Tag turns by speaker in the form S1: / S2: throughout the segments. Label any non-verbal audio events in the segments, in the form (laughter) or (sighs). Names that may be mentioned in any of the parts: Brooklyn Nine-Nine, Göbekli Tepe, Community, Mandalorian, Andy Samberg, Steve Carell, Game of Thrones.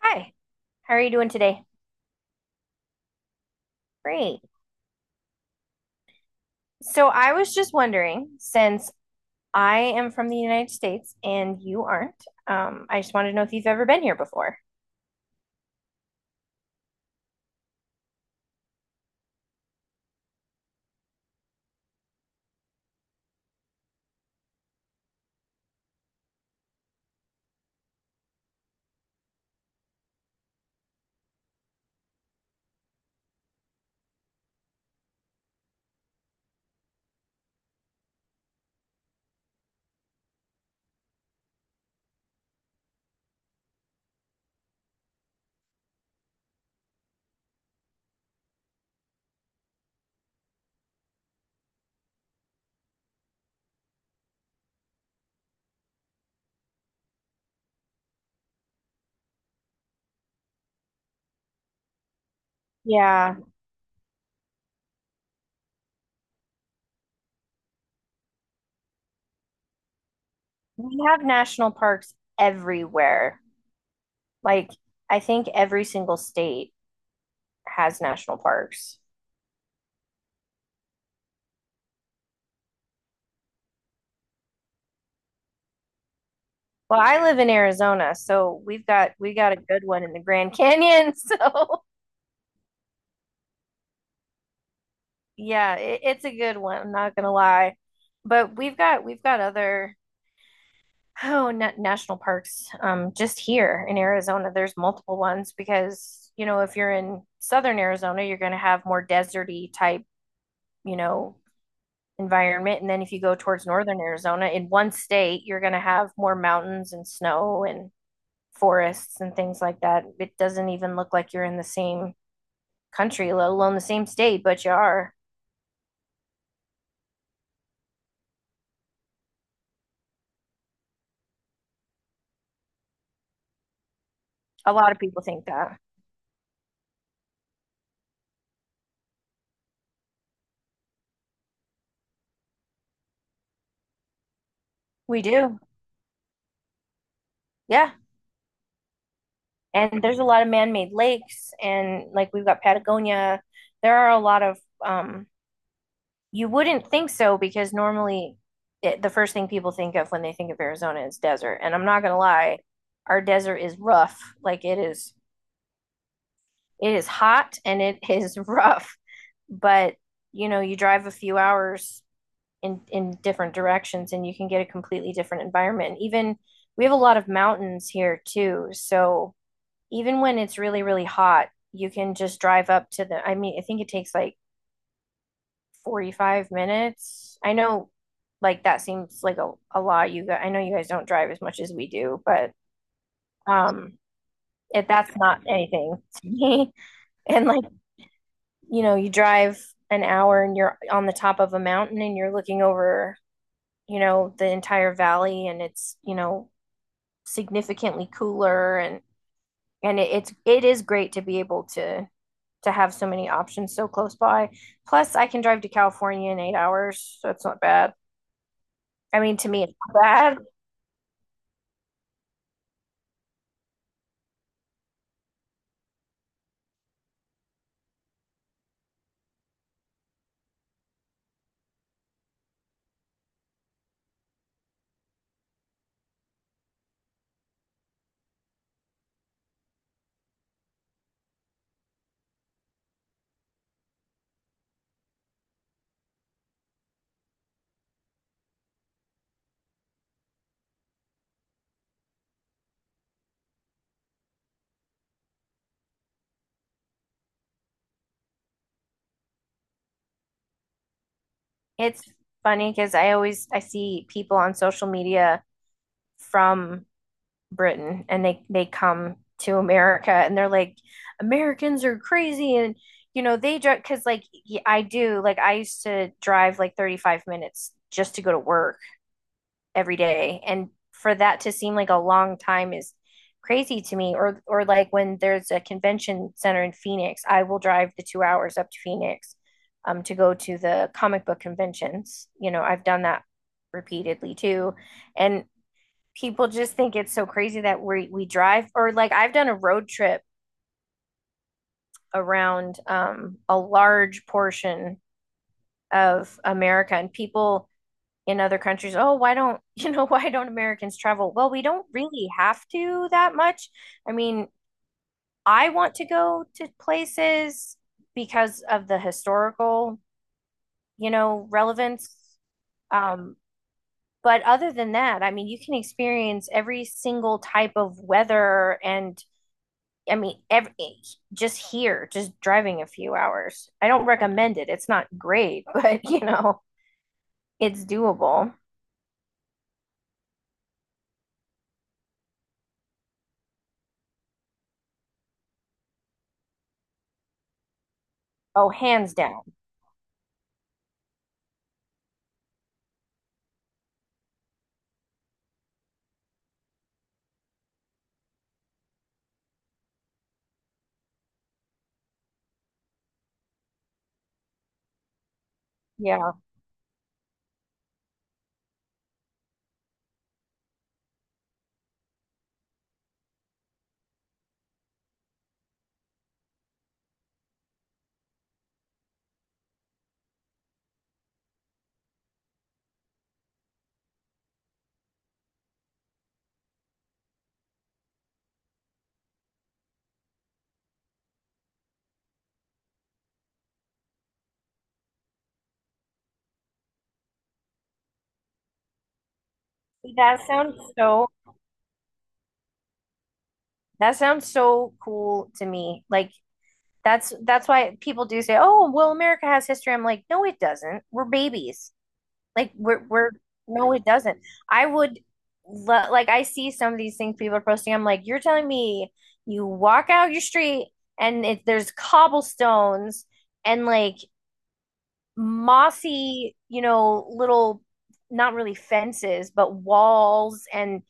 S1: Hi, how are you doing today? Great. So I was just wondering, since I am from the United States and you aren't, I just wanted to know if you've ever been here before. Yeah, we have national parks everywhere. Like, I think every single state has national parks. Well, I live in Arizona, so we got a good one in the Grand Canyon. (laughs) So yeah, it's a good one. I'm not gonna lie, but we've got other. Oh, na national parks. Just here in Arizona, there's multiple ones because, you know, if you're in southern Arizona, you're going to have more deserty type, you know, environment. And then if you go towards northern Arizona, in one state, you're going to have more mountains and snow and forests and things like that. It doesn't even look like you're in the same country, let alone the same state, but you are. A lot of people think that. We do. Yeah. And there's a lot of man-made lakes and like we've got Patagonia. There are a lot of um, you wouldn't think so because normally the first thing people think of when they think of Arizona is desert. And I'm not gonna lie, our desert is rough. Like it is hot and it (laughs) is rough. But you know, you drive a few hours in different directions and you can get a completely different environment. Even we have a lot of mountains here too, so even when it's really, really hot, you can just drive up to I mean, I think it takes like 45 minutes. I know like that seems like a lot. You guys, I know you guys don't drive as much as we do, but um that's not anything to me. (laughs) And like, you know, you drive an hour and you're on the top of a mountain and you're looking over, you know, the entire valley and it's, you know, significantly cooler and it is great to be able to have so many options so close by. Plus, I can drive to California in 8 hours, so it's not bad. I mean, to me, it's not bad. It's funny because I see people on social media from Britain and they come to America and they're like, Americans are crazy and you know they drive because like I do like I used to drive like 35 minutes just to go to work every day. And for that to seem like a long time is crazy to me. Or like when there's a convention center in Phoenix, I will drive the 2 hours up to Phoenix to go to the comic book conventions. You know, I've done that repeatedly too. And people just think it's so crazy that we drive or like I've done a road trip around a large portion of America and people in other countries, oh, why don't, you know, (laughs) why don't Americans travel? Well, we don't really have to that much. I mean, I want to go to places because of the historical, you know, relevance. Um, but other than that, I mean, you can experience every single type of weather and I mean, just here, just driving a few hours. I don't recommend it. It's not great, (laughs) but you know, it's doable. Oh, hands down. Yeah. That sounds so that sounds so cool to me. Like that's why people do say, "Oh, well, America has history." I'm like, "No, it doesn't. We're babies. Like we're no, it doesn't." I would like I see some of these things people are posting. I'm like, "You're telling me you walk out your street and there's cobblestones and like mossy, you know, little not really fences, but walls and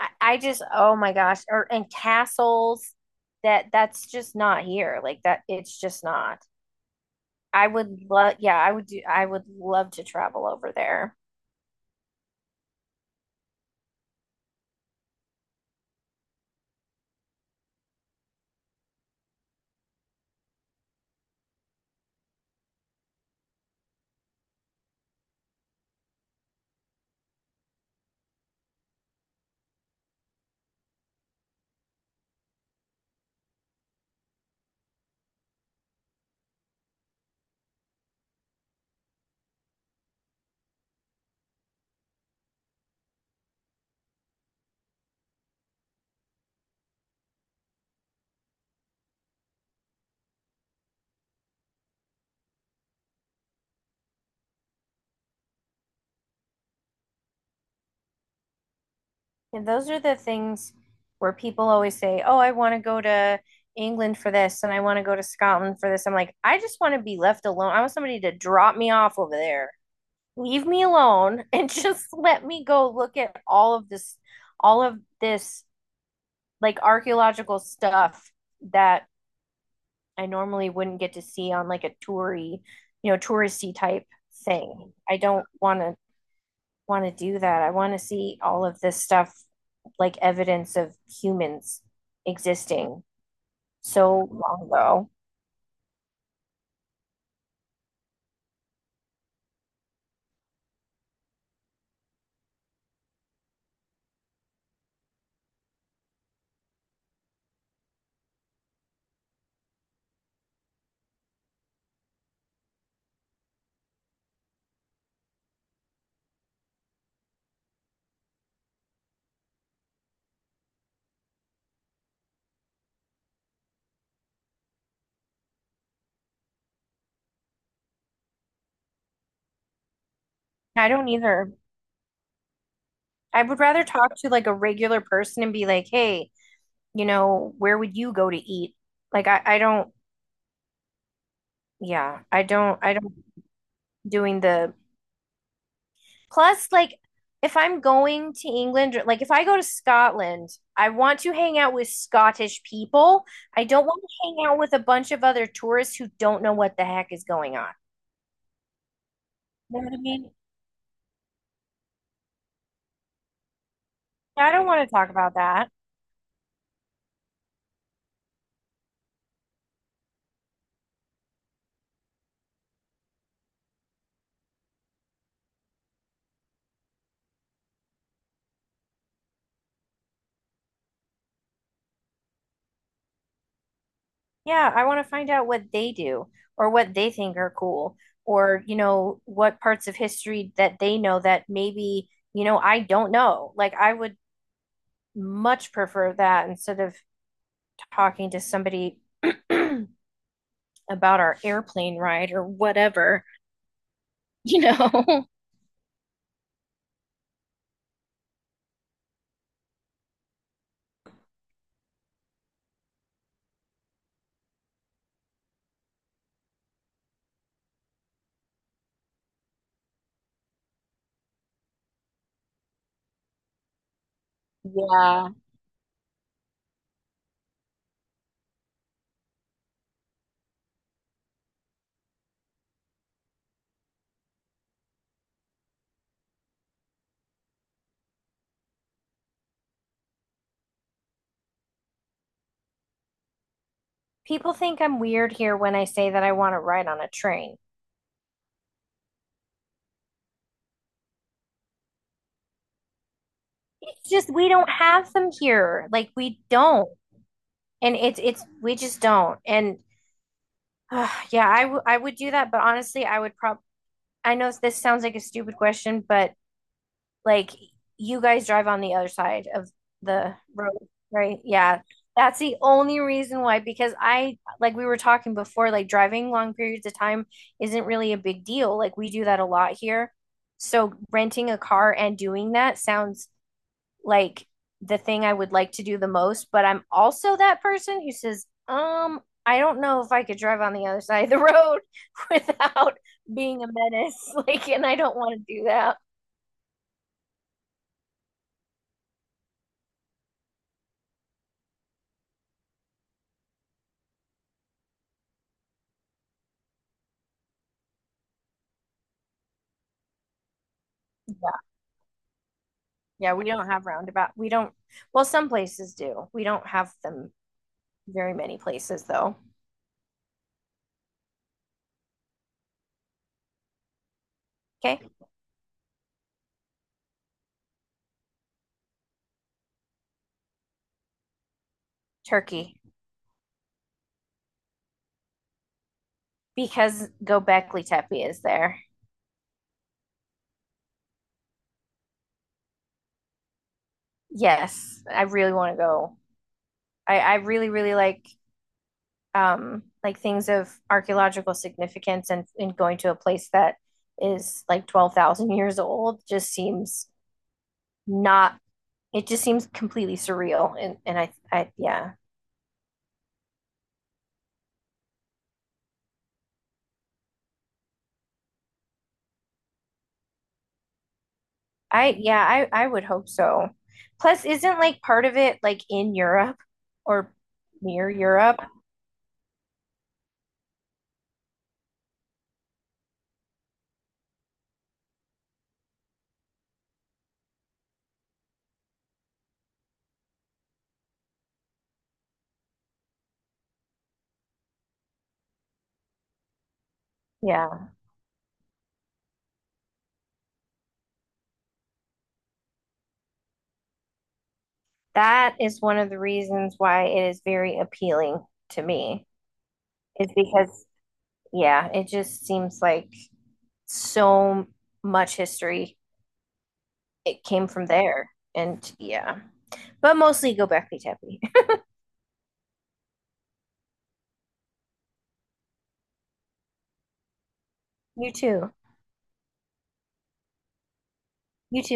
S1: I just, oh my gosh, or and castles that that's just not here. Like that, it's just not. I would love, yeah, I would do, I would love to travel over there. And those are the things where people always say, "Oh, I want to go to England for this, and I want to go to Scotland for this." I'm like, I just want to be left alone. I want somebody to drop me off over there, leave me alone, and (laughs) just let me go look at all of this like archaeological stuff that I normally wouldn't get to see on like you know, touristy type thing. I don't want to do that. I want to see all of this stuff like evidence of humans existing so long ago. I don't either. I would rather talk to like a regular person and be like, "Hey, you know, where would you go to eat?" Like I don't yeah, I don't doing the Plus, like, if I'm going to England, or, like, if I go to Scotland, I want to hang out with Scottish people. I don't want to hang out with a bunch of other tourists who don't know what the heck is going on. You know what I mean? I don't want to talk about that. Yeah, I want to find out what they do or what they think are cool or, you know, what parts of history that they know that maybe, you know, I don't know. Like, I would much prefer that instead of talking to somebody (clears throat) about our airplane ride or whatever, you know. (laughs) People think I'm weird here when I say that I want to ride on a train. It's just we don't have them here. Like we don't. And it's we just don't. And (sighs) yeah, I would do that, but honestly, I would probably I know this sounds like a stupid question, but Like you guys drive on the other side of the road, right? Yeah. That's the only reason why, because like we were talking before, like driving long periods of time isn't really a big deal. Like we do that a lot here. So renting a car and doing that sounds like the thing I would like to do the most, but I'm also that person who says, I don't know if I could drive on the other side of the road (laughs) without being a menace. (laughs) Like, and I don't want to do that. Yeah, we don't have roundabout. We don't, well, some places do. We don't have them very many places though. Okay. Turkey, because Göbekli Tepe is there. Yes, I really want to go. I really, really like things of archaeological significance and going to a place that is like 12,000 years old just seems not, it just seems completely surreal. And yeah, I yeah, I would hope so. Plus, isn't like part of it like in Europe or near Europe? Yeah. That is one of the reasons why it is very appealing to me is because yeah, it just seems like so much history it came from there. And yeah. But mostly Gobekli Tepe. (laughs) You too. You too.